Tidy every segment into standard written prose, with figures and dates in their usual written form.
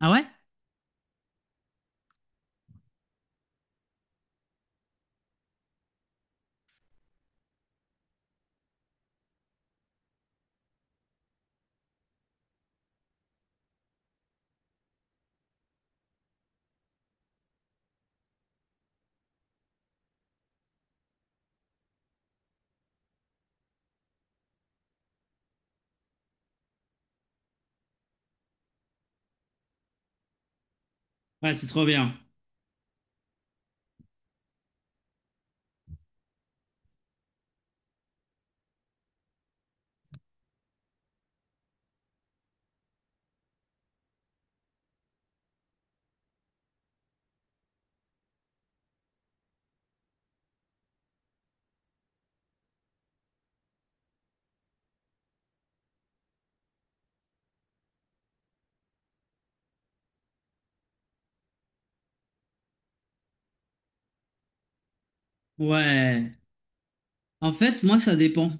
Ah ouais? Ouais, c'est trop bien. Ouais. En fait, moi, ça dépend.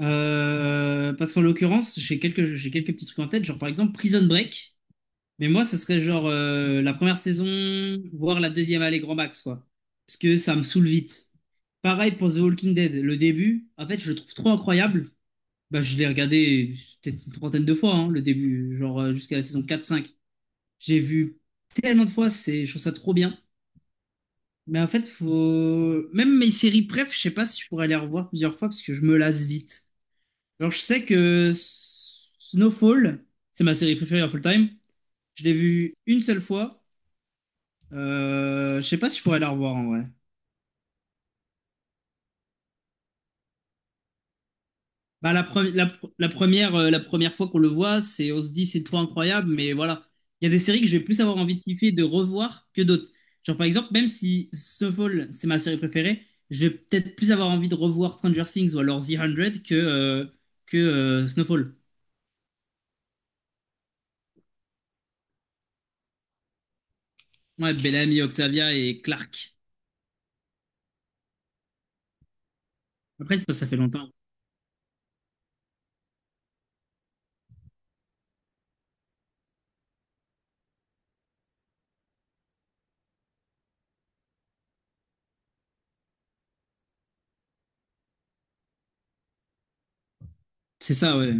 Parce qu'en l'occurrence, j'ai quelques petits trucs en tête, genre par exemple Prison Break. Mais moi, ça serait genre la première saison, voire la deuxième, allez, grand max, quoi. Parce que ça me saoule vite. Pareil pour The Walking Dead. Le début, en fait, je le trouve trop incroyable. Bah, je l'ai regardé peut-être une trentaine de fois, hein, le début, genre jusqu'à la saison 4-5. J'ai vu tellement de fois, c'est, je trouve ça trop bien. Mais en fait, faut... Même mes séries préf, je sais pas si je pourrais les revoir plusieurs fois parce que je me lasse vite. Genre, je sais que Snowfall, c'est ma série préférée of all time. Je l'ai vue une seule fois. Je sais pas si je pourrais la revoir en vrai. Bah, la, pre- la, pr- la première fois qu'on le voit, c'est on se dit c'est trop incroyable, mais voilà. Il y a des séries que je vais plus avoir envie de kiffer, de revoir que d'autres. Genre par exemple, même si Snowfall, c'est ma série préférée, je vais peut-être plus avoir envie de revoir Stranger Things ou alors The 100 que Snowfall. Ouais, Bellamy, Octavia et Clark. Après, c'est parce que ça fait longtemps. C'est ça, ouais.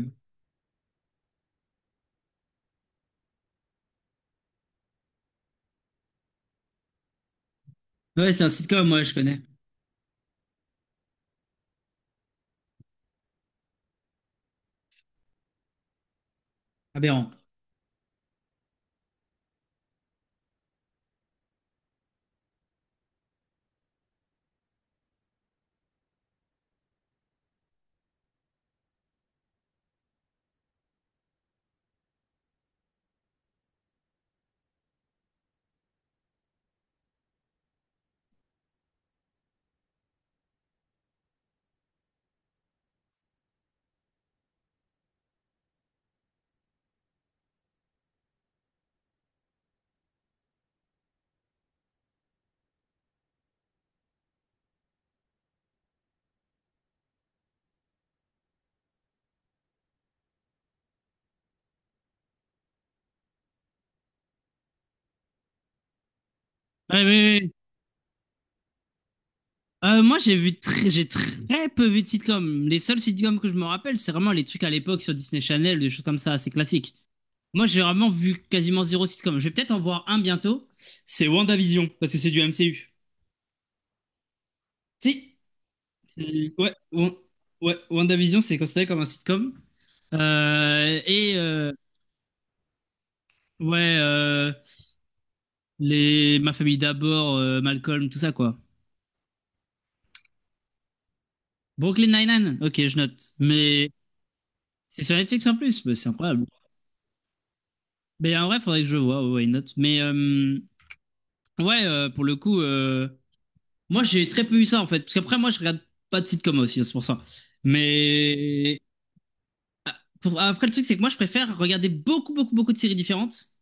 Ouais, c'est un sitcom, ouais, je connais. Aberrant. Ouais, oui, oui. Moi, j'ai très peu vu de sitcoms. Les seuls sitcoms que je me rappelle, c'est vraiment les trucs à l'époque sur Disney Channel, des choses comme ça, c'est classique. Moi, j'ai vraiment vu quasiment zéro sitcom. Je vais peut-être en voir un bientôt. C'est WandaVision, parce que c'est du MCU. Si, ouais, ouais, WandaVision, c'est considéré comme un sitcom. Euh, et euh, ouais, euh, les Ma famille d'abord, Malcolm, tout ça quoi. Brooklyn Nine-Nine, ok, je note. Mais c'est sur Netflix en plus, mais c'est incroyable. Mais en vrai, faudrait que je vois, ouais, why not. Mais ouais, pour le coup, moi j'ai très peu eu ça en fait. Parce qu'après, moi je regarde pas de sitcom aussi, hein, c'est pour ça. Mais après, le truc, c'est que moi je préfère regarder beaucoup, beaucoup, beaucoup de séries différentes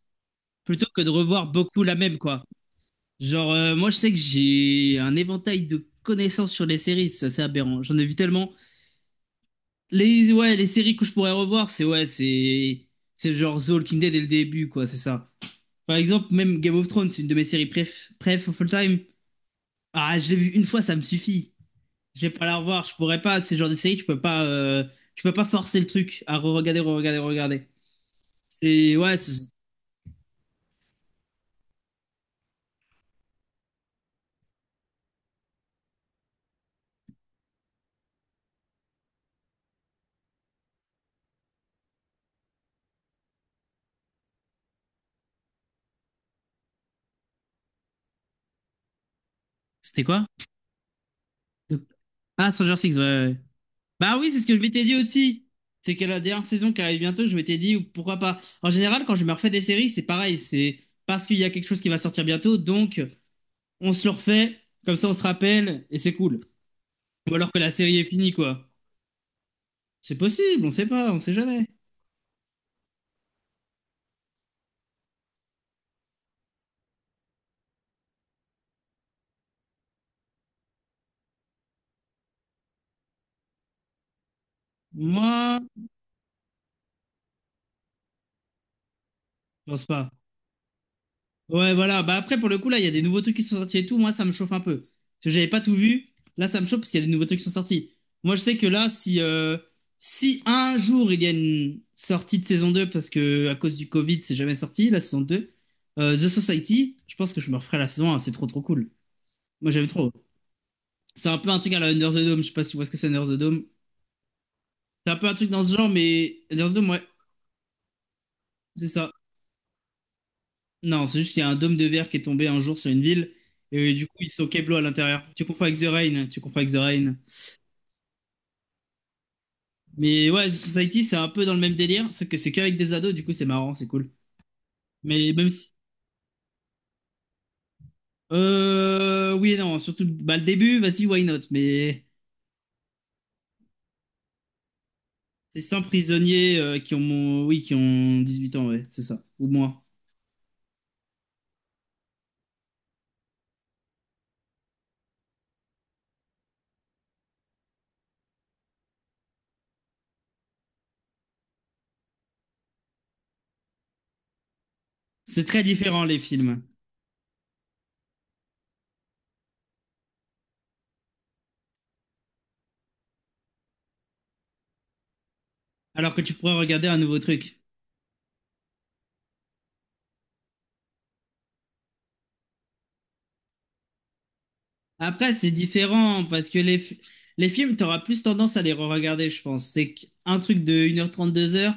plutôt que de revoir beaucoup la même, quoi. Genre, moi je sais que j'ai un éventail de connaissances sur les séries, c'est assez aberrant. J'en ai vu tellement. Les séries que je pourrais revoir, c'est ouais, c'est genre The Walking Dead dès le début, quoi, c'est ça. Par exemple, même Game of Thrones, c'est une de mes séries préf of all time. Ah, je l'ai vu une fois, ça me suffit. Je vais pas la revoir, je pourrais pas. C'est le genre de série, tu peux pas forcer le truc à re-regarder, re-regarder, re-regarder. C'est ouais, c'est- c'était quoi? De- Ah, Stranger Things, ouais, ouais. Bah oui, c'est ce que je m'étais dit aussi. C'est qu'à la dernière saison qui arrive bientôt, je m'étais dit pourquoi pas. En général, quand je me refais des séries, c'est pareil. C'est parce qu'il y a quelque chose qui va sortir bientôt, donc on se le refait. Comme ça, on se rappelle et c'est cool. Ou alors que la série est finie, quoi. C'est possible, on sait pas, on sait jamais. Moi, je pense pas. Ouais, voilà. Bah après, pour le coup, là, il y a des nouveaux trucs qui sont sortis et tout. Moi, ça me chauffe un peu. Parce que j'avais pas tout vu. Là, ça me chauffe parce qu'il y a des nouveaux trucs qui sont sortis. Moi, je sais que là, si, un jour il y a une sortie de saison 2 parce que à cause du Covid, c'est jamais sorti, la saison 2 The Society, je pense que je me referai la saison 1. C'est trop, trop cool. Moi, j'aime trop. C'est un peu un truc à la Under the Dome. Je sais pas si tu vois ce que c'est Under the Dome. C'est un peu un truc dans ce genre, mais Under the Dome, ouais, c'est ça. Non, c'est juste qu'il y a un dôme de verre qui est tombé un jour sur une ville. Et du coup, ils sont Keblo à l'intérieur. Tu confonds avec The Rain. Tu confonds avec The Rain. Mais ouais, The Society, c'est un peu dans le même délire. C'est que c'est qu'avec des ados. Du coup, c'est marrant. C'est cool. Mais même si. Oui et non. Surtout bah, le début, vas-y, why not? Mais c'est 100 prisonniers oui, qui ont 18 ans, ouais. C'est ça. Ou moins. C'est très différent, les films. Alors que tu pourrais regarder un nouveau truc. Après, c'est différent parce que les films, tu auras plus tendance à les re-regarder, je pense. C'est qu'un truc de 1h30, 2h,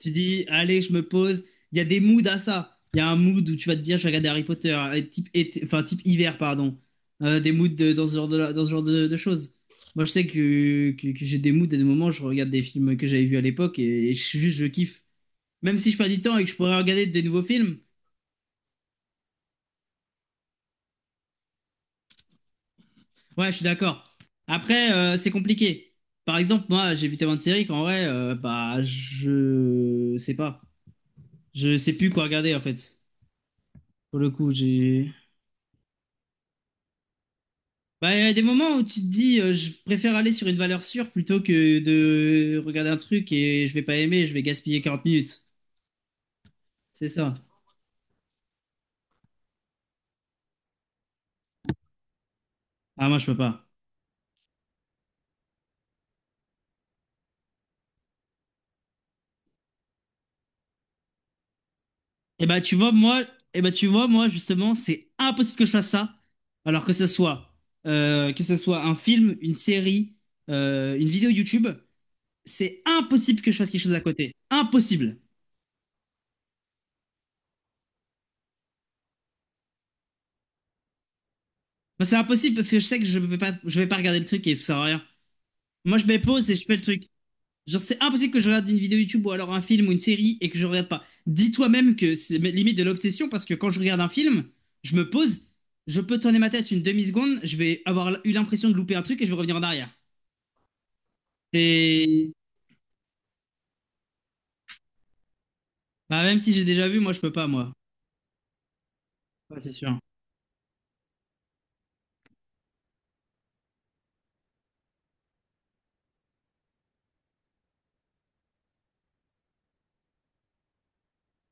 tu dis, allez, je me pose. Il y a des moods à ça. Il y a un mood où tu vas te dire, je vais regarder Harry Potter, type, enfin, type hiver, pardon. Des moods dans ce genre de, dans ce genre de choses. Moi, je sais que j'ai des moods et des moments, où je regarde des films que j'avais vus à l'époque et juste, je kiffe. Même si je perds du temps et que je pourrais regarder des nouveaux films. Ouais, je suis d'accord. Après, c'est compliqué. Par exemple, moi, j'ai vu tellement de séries qu'en vrai, bah, je sais pas. Je sais plus quoi regarder, en fait. Pour le coup, j'ai. Bah, il y a des moments où tu te dis, je préfère aller sur une valeur sûre plutôt que de regarder un truc et je vais pas aimer, je vais gaspiller 40 minutes. C'est ça. Ah, moi, je peux pas. Et bah, tu vois, moi, et bah, tu vois, moi, justement, c'est impossible que je fasse ça. Alors que ce soit un film, une série, une vidéo YouTube. C'est impossible que je fasse quelque chose à côté. Impossible. Bah, c'est impossible parce que je sais que je vais pas regarder le truc et ça sert à rien. Moi, je mets pause et je fais le truc. Genre, c'est impossible que je regarde une vidéo YouTube ou alors un film ou une série et que je regarde pas. Dis-toi même que c'est limite de l'obsession parce que quand je regarde un film, je me pose, je peux tourner ma tête une demi-seconde, je vais avoir eu l'impression de louper un truc et je vais revenir en arrière. Et bah, même si j'ai déjà vu, moi, je peux pas, moi. Ouais, c'est sûr.